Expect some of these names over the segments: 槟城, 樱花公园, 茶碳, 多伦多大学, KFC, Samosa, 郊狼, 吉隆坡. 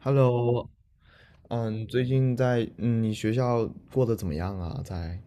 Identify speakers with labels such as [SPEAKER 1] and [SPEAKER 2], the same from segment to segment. [SPEAKER 1] Hello。最近在你学校过得怎么样啊？在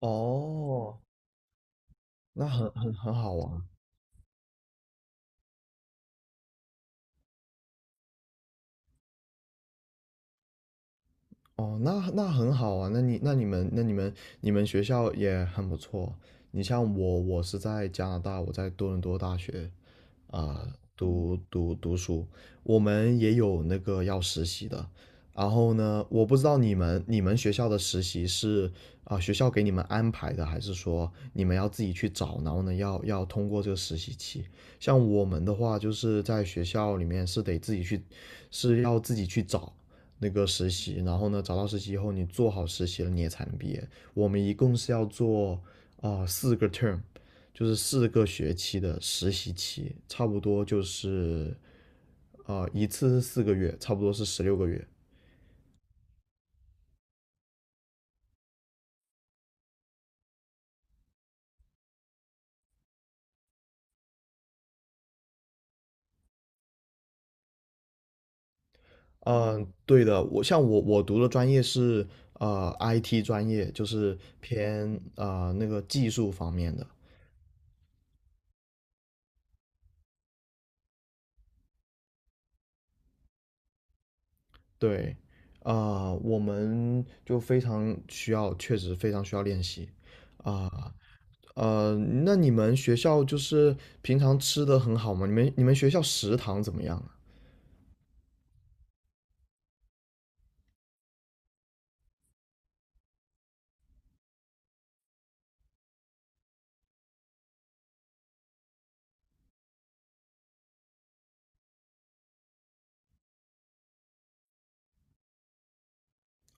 [SPEAKER 1] 哦，那很好啊。哦，那很好啊。那你们学校也很不错。你像我，我是在加拿大，我在多伦多大学。啊、读书，我们也有那个要实习的。然后呢，我不知道你们学校的实习是学校给你们安排的，还是说你们要自己去找，然后呢要通过这个实习期？像我们的话，就是在学校里面是得自己去，是要自己去找那个实习，然后呢找到实习以后，你做好实习了你也才能毕业。我们一共是要做4个 term,就是4个学期的实习期，差不多就是一次是4个月，差不多是16个月。对的，我像我我读的专业是IT 专业，就是偏那个技术方面的。对，我们就非常需要，确实非常需要练习。啊、呃，那你们学校就是平常吃的很好吗？你们学校食堂怎么样啊？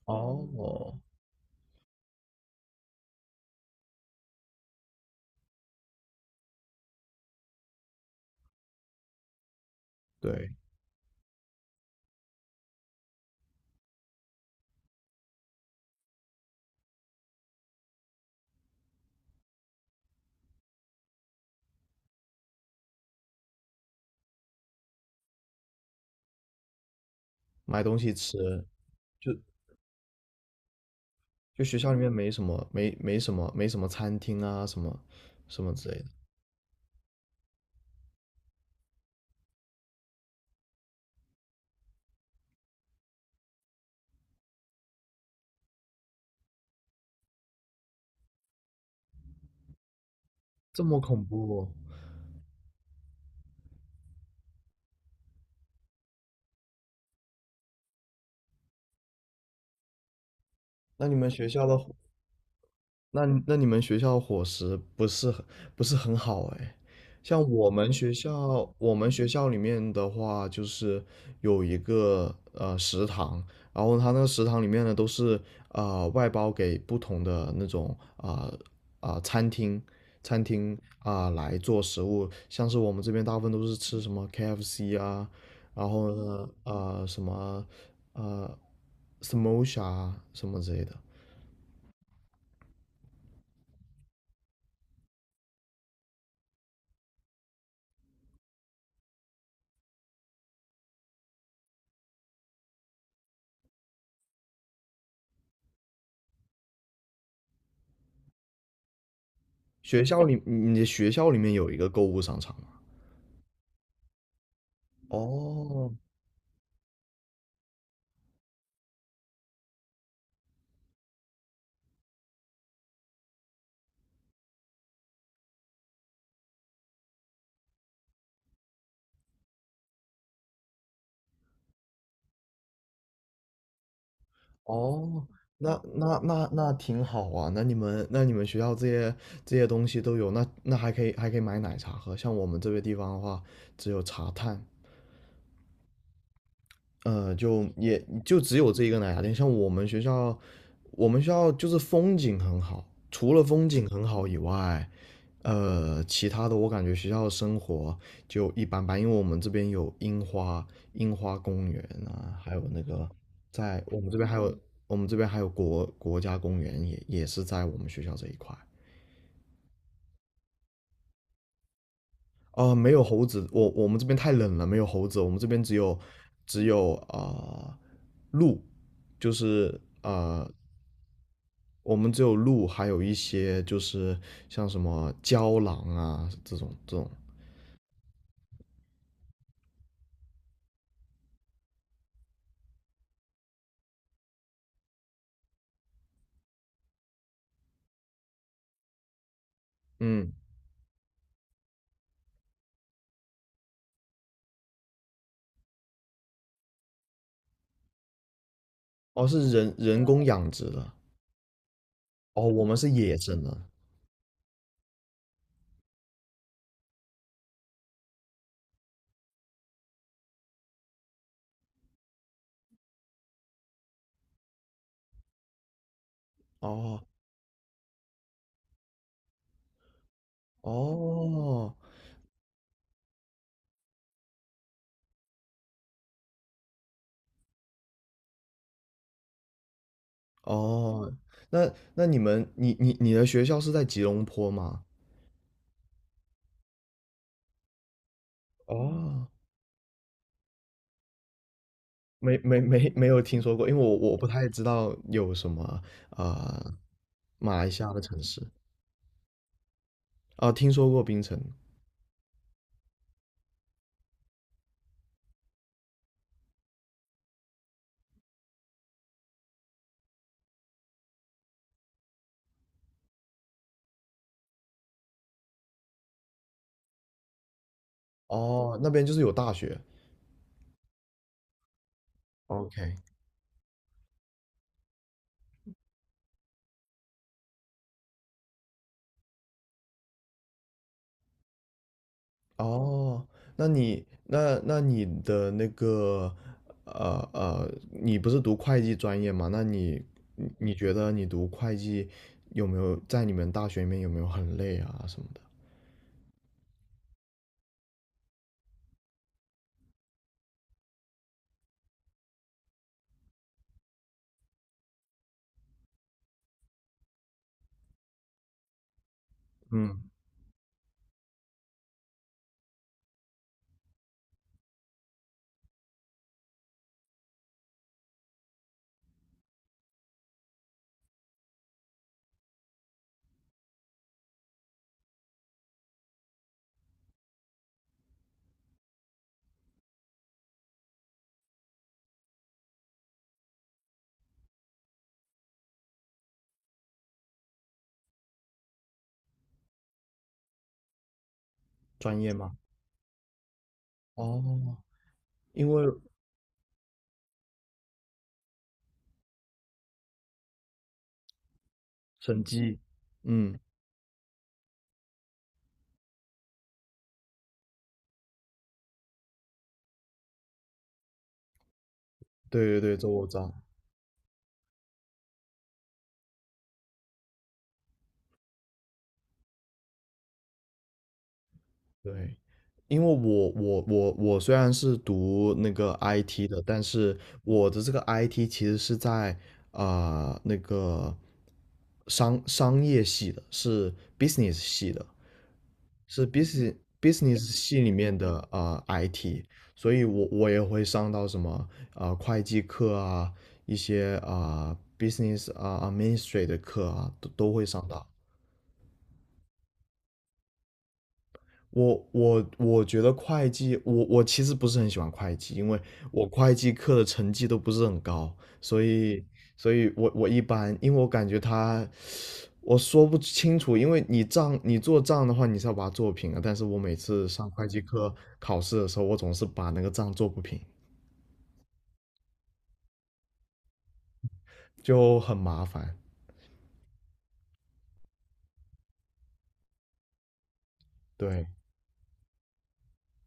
[SPEAKER 1] 哦，对。买东西吃，就就学校里面没什么餐厅啊什么什么之类的，这么恐怖哦？那你们学校的那你们学校伙食不是很好哎，像我们学校，我们学校里面的话，就是有一个食堂，然后它那个食堂里面呢都是外包给不同的那种啊、餐厅餐厅来做食物，像是我们这边大部分都是吃什么 KFC 啊，然后呢什么呃 Samosa 啊什么之类的。学校里，你的学校里面有一个购物商场吗？哦哦，那挺好啊。那你们学校这些东西都有，那还可以买奶茶喝。像我们这个地方的话，只有茶碳。呃，就也就只有这一个奶茶店。像我们学校，我们学校就是风景很好，除了风景很好以外，呃，其他的我感觉学校的生活就一般般，因为我们这边有樱花、樱花公园啊，还有那个在我们这边还有我们这边还有国家公园也是在我们学校这一块。没有猴子，我们这边太冷了，没有猴子，我们这边只有鹿，就是啊、我们只有鹿，还有一些就是像什么郊狼啊这种，嗯，哦，是人人工养殖的，哦，我们是野生的。哦哦哦，那你们你你的学校是在吉隆坡吗？哦，没有听说过，因为我不太知道有什么呃马来西亚的城市啊，听说过槟城。哦，那边就是有大学。OK,哦，那你的那个你不是读会计专业吗？那你你觉得你读会计，有没有在你们大学里面有没有很累啊什么的？嗯，专业吗？哦，因为审计，嗯，对对对，这我知道。对，因为我虽然是读那个 IT 的，但是我的这个 IT 其实是在那个商业系的，是 business 系的，是 business 系里面的IT,所以我也会上到什么会计课啊，一些business 啊、administrate 的课啊，都会上到。我觉得会计，我其实不是很喜欢会计，因为我会计课的成绩都不是很高，所以我一般，因为我感觉他，我说不清楚，因为你做账的话，你是要把它做平啊，但是我每次上会计课考试的时候，我总是把那个账做不平，就很麻烦。对，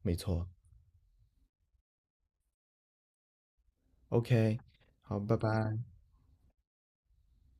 [SPEAKER 1] 没错。OK,好，拜拜。